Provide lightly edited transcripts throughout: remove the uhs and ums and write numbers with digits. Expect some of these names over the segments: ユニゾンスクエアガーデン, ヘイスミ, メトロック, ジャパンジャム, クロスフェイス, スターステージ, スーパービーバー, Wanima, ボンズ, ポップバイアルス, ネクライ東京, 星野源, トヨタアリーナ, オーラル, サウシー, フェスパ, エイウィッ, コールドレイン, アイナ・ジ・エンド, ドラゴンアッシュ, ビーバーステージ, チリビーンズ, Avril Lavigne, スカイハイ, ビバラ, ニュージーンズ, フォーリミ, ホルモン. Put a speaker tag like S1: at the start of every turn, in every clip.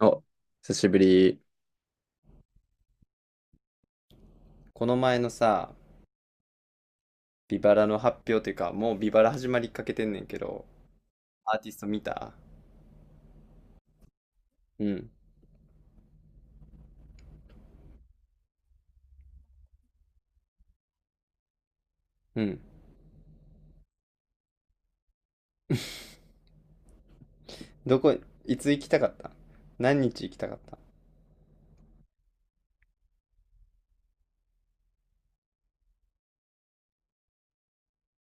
S1: お、久しぶり。この前のさ、ビバラの発表というか、もうビバラ始まりかけてんねんけど、アーティスト見た？うん。うん。どこ、いつ行きたかった？何日行きたかった？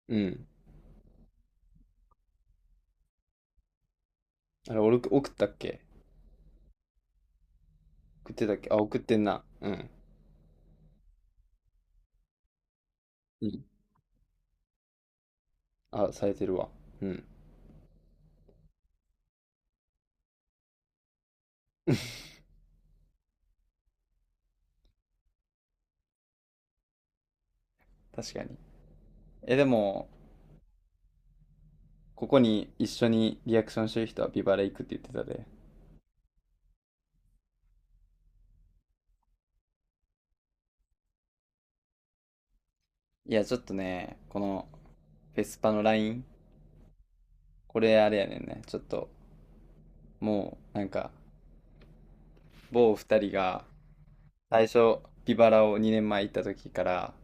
S1: うん。あれ、俺送ったっけ？送ってたっけ？あ、送ってんな。うん。うん。あ、されてるわ。うん。確かに。え、でも、ここに一緒にリアクションしてる人はビバラ行くって言ってたで。いや、ちょっとね、この、フェスパのライン、これあれやねんね。ちょっと、もう、なんか、某二人が最初ビバラを2年前行った時から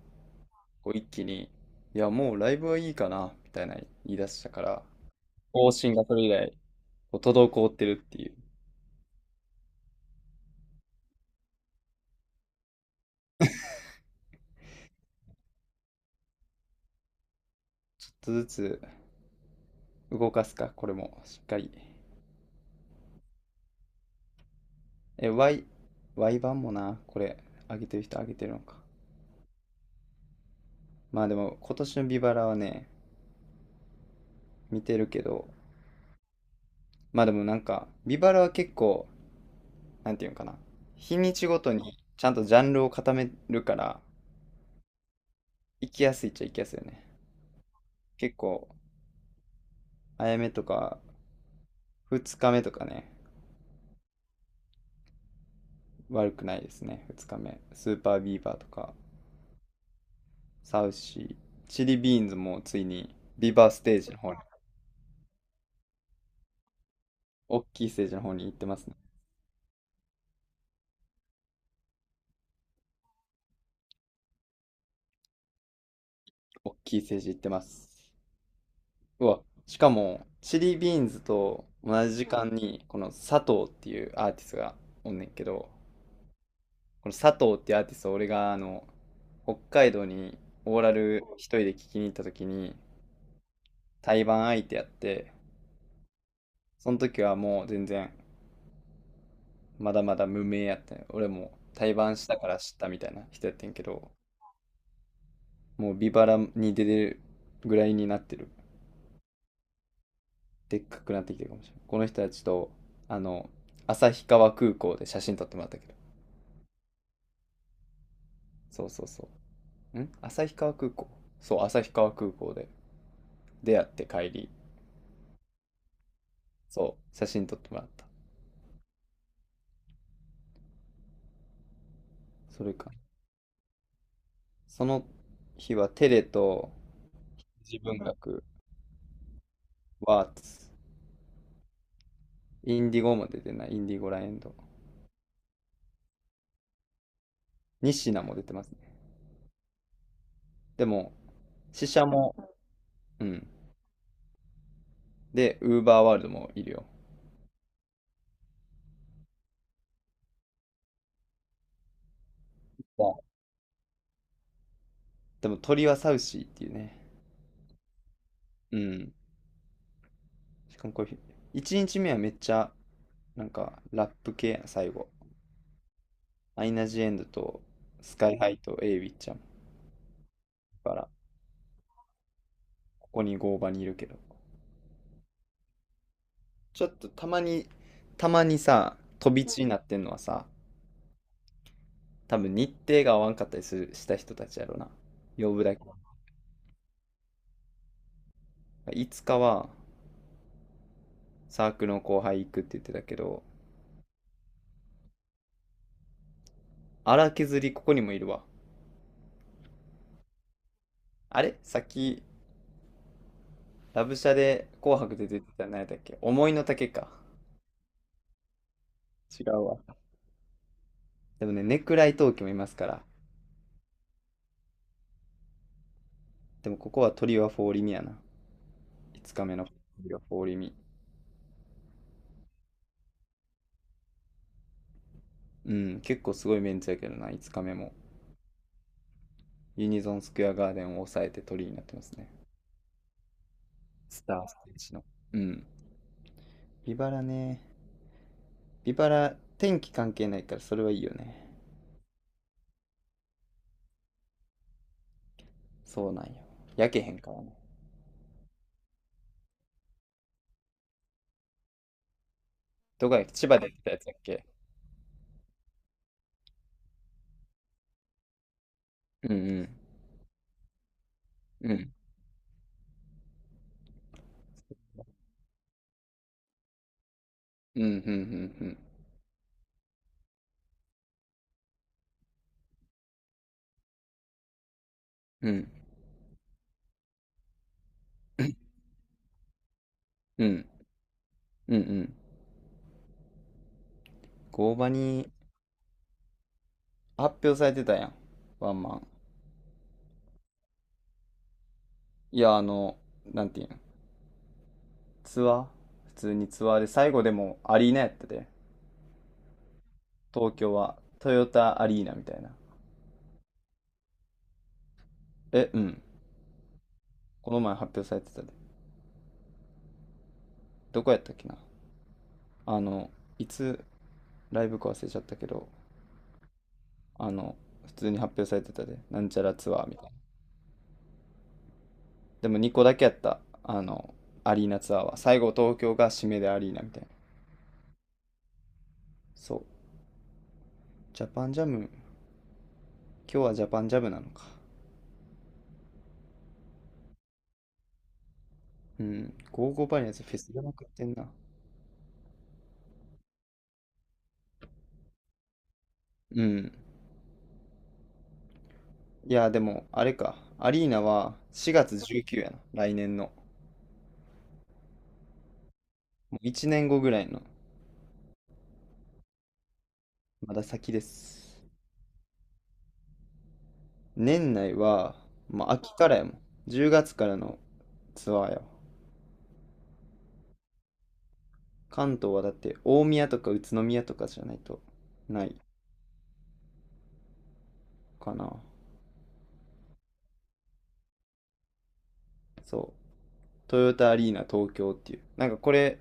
S1: こう一気に「いやもうライブはいいかな」みたいな言い出したから、方針がそれ以来こう滞ってるっていう。ちょっとずつ動かすかこれも、しっかり、え、 Y、 Y 版もなこれ、上げてる人上げてるのか？まあでも今年のビバラはね、見てるけど、まあでもなんかビバラは結構、なんていうのかな、日にちごとにちゃんとジャンルを固めるから、行きやすいっちゃ行きやすいよね。結構、あやめとか、2日目とかね、悪くないですね。2日目。スーパービーバーとか、サウシー、チリビーンズもついに、ビーバーステージの方に、大きいステージの方に行ってますね。大きいステージ行ってます。うわ、しかも、チリビーンズと同じ時間に、この佐藤っていうアーティストがおんねんけど、この佐藤っていうアーティスト、俺があの、北海道にオーラル一人で聞きに行った時に、対バン相手やって、その時はもう全然まだまだ無名やったんよ。俺も対バンしたから知ったみたいな人やってんけど、もうビバラに出てるぐらいになってる。でっかくなってきてるかもしれない。この人たちと、あの、旭川空港で写真撮ってもらったけど。そうそうそう。ん、旭川空港、そう、旭川空港で出会って帰り、そう、写真撮ってもらった。それか。その日はテレと自分学、ワーツ、インディゴも出てない、インディゴラエンド。ニシナも出てますね。でも、死者も、うん。で、ウーバーワールドもいるよ。わ。でも鳥はサウシーっていうね。うん。しかもこれ、1日目はめっちゃ、なんか、ラップ系やな、最後。アイナ・ジ・エンドと、スカイハイとエイウィッちゃん。だから、ここに合場にいるけど。ちょっとたまに、たまにさ、飛び地になってんのはさ、多分日程が合わんかったりするした人たちやろな。呼ぶだけ。いつかは、サークルの後輩行くって言ってたけど、荒削りここにもいるわ。あれさっきラブシャで紅白で出てた何やったっけ？思いの丈か。違うわ。でもね、ネクライ東京もいますから。でもここはトリオはフォーリミやな。5日目のトリオはフォーリミ。うん、結構すごいメンツやけどな、5日目も。ユニゾンスクエアガーデンを抑えてトリになってますね。スターステージの。うん。ビバラね。ビバラ、天気関係ないからそれはいいよね。そうなんよ。焼けへんからね。どこやっけ？千葉でやってたやつやっけ？うんうん。うん。うんうんうんうん。うん。うん。うんうん。合場に発表されてたやん。ワンマン。いや、あの、なんていうん、ツアー普通にツアーで最後でもアリーナやってて。東京はトヨタアリーナみたいな。え、うん。この前発表されてたで。どこやったっけな。あの、いつライブか忘れちゃったけど、あの、普通に発表されてたで。なんちゃらツアーみたいな。でも2個だけやった。あの、アリーナツアーは。最後東京が締めでアリーナみたいな。そう。ジャパンジャム。今日はジャパンジャムなのか。うん。55バイのやつフェスやなくってんな。うん。いや、でも、あれか。アリーナは4月19やな。来年の。もう1年後ぐらいの。まだ先です。年内は、まあ、秋からやもん。10月からのツアーやわ。関東はだって大宮とか宇都宮とかじゃないとないかな。そう。トヨタアリーナ東京っていう。なんかこれ、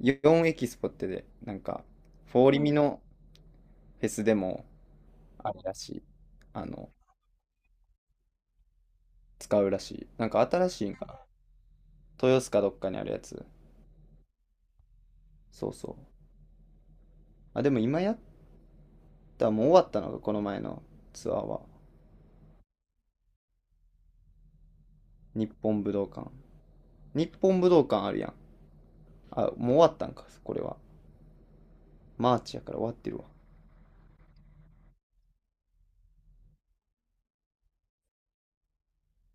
S1: 4エキスポってで、なんか、フォーリミのフェスでもあるらしい。あの、使うらしい。なんか新しいんか豊洲かどっかにあるやつ。そうそう。あ、でも今やった、もう終わったのがこの前のツアーは。日本武道館。日本武道館あるやん。あ、もう終わったんか、これは。マーチやから終わってるわ。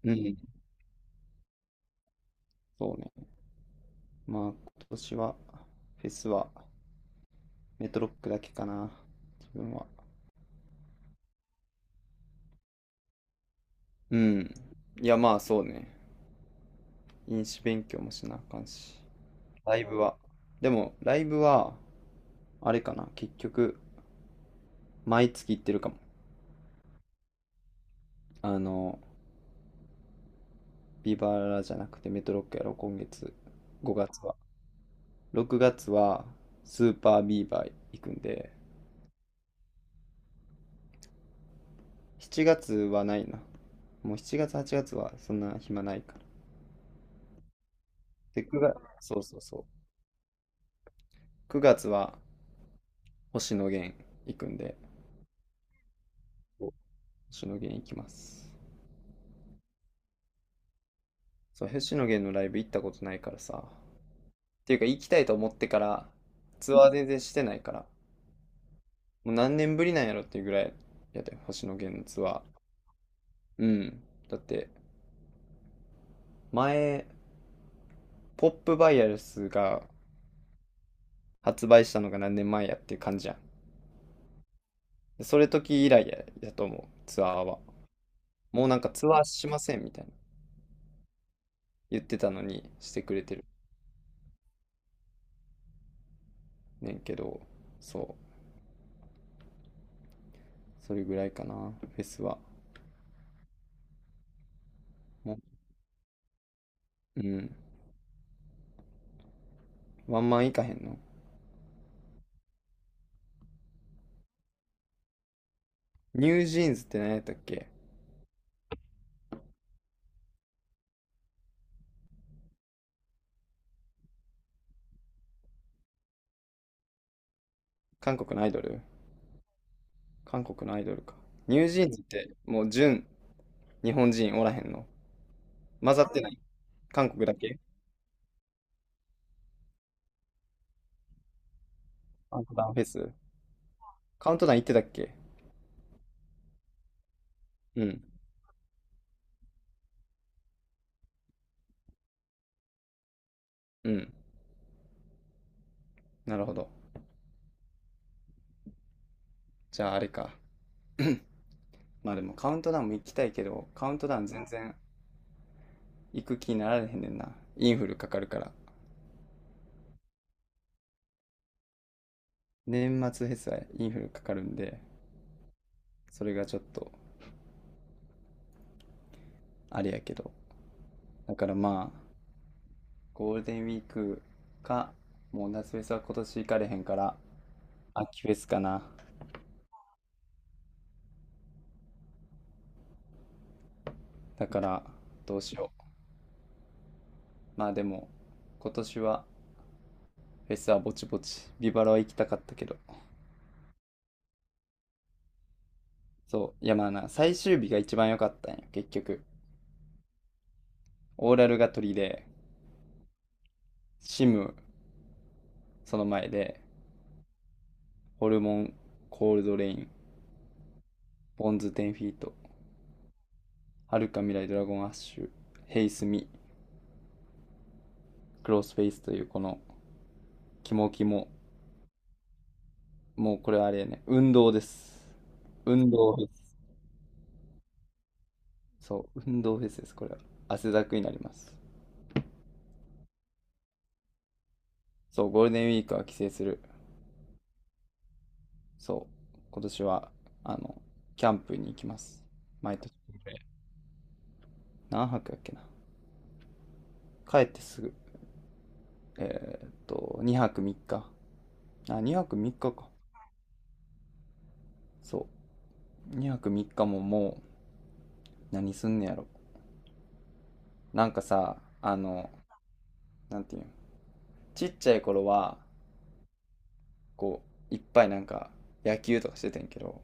S1: うん。そうね。まあ今年は、フェスはメトロックだけかな。自分は。うん。いやまあそうね。飲酒勉強もしなあかんし。ライブは。でも、ライブは、あれかな。結局、毎月行ってるかも。あの、ビバラじゃなくてメトロックやろ、今月、5月は。6月はスーパービーバー行くんで、7月はないな。もう7月、8月はちがつはそんな暇ないから。で、9月、そうそうそう。9月は星野源行くんで、星野源行きます。そう、星野源のライブ行ったことないからさ。っていうか、行きたいと思ってから、ツアー全然してないから、もう何年ぶりなんやろっていうぐらいやで、星野源のツアー。うん。だって、前、ポップバイアルスが発売したのが何年前やっていう感じやん。でそれ時以来や、やと思う、ツアーは。もうなんかツアーしませんみたいな言ってたのにしてくれてるねんけど、そう、それぐらいかな、フェスは。もう、うん、ワンマンいかへんの？ニュージーンズって何やったっけ？韓国のアイドル？韓国のアイドルか。ニュージーンズってもう純日本人おらへんの？混ざってない？韓国だけ？カウントダウンフェス？カウントダウン行ってたっけ？うん。うん。なるほど。じゃああれか。まあでもカウントダウンも行きたいけど、カウントダウン全然行く気になられへんねんな。インフルかかるから。年末フェスはインフルかかるんで、それがちょっとあれやけど。だからまあ、ゴールデンウィークか、もう夏フェスは今年行かれへんから、秋フェスかな。だから、どうしよう。まあでも、今年はフェスはぼちぼち。ビバラは行きたかったけど。そう。いやまあな、最終日が一番良かったんよ、結局。オーラルが取りで、シム、その前で、ホルモン、コールドレイン、ボンズ、10フィート、はるか未来ドラゴンアッシュ、ヘイスミ、クロスフェイスというこの、キモキモ、もうこれはあれやね、運動です。運動フェス。そう、運動フェスです、これは。汗だくになります。そう、ゴールデンウィークは帰省する。そう、今年は、あの、キャンプに行きます。毎年。何泊やっけな。帰ってすぐ。2泊3日。あ、2泊3日か。そう。2泊3日ももう何すんねやろ？なんかさ、あの、なんていうの、ちっちゃい頃はこういっぱいなんか野球とかしてたんけど、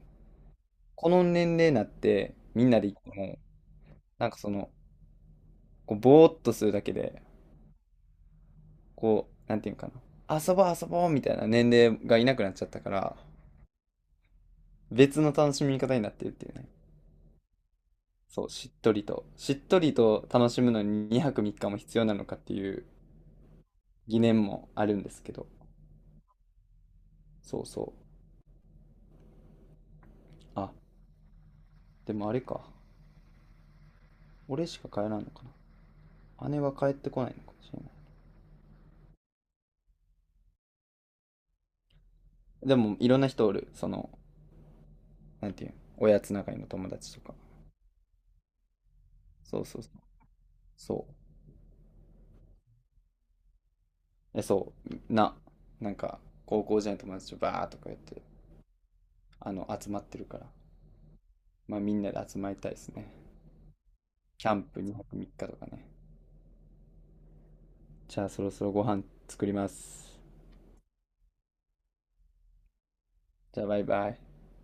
S1: この年齢になってみんなで行っても、なんかその、こうぼーっとするだけで、こうなんていうのかな、遊ぼう遊ぼうみたいな年齢がいなくなっちゃったから、別の楽しみ方になってるっていうね。そうしっとりとしっとりと楽しむのに2泊3日も必要なのかっていう疑念もあるんですけど、そうそう、あ、でもあれか。俺しか帰らんのかな。姉は帰ってこないのかもしれない。でもいろんな人おる。その、なんていう、おやつ仲いいの友達とか。そうそうそう。そう。え、そう。な、なんか、高校時代の友達とバーッとかやって、あの、集まってるから。まあみんなで集まりたいですね。キャンプ2泊3日とかね。じゃあそろそろご飯作ります。じゃあバイバイ。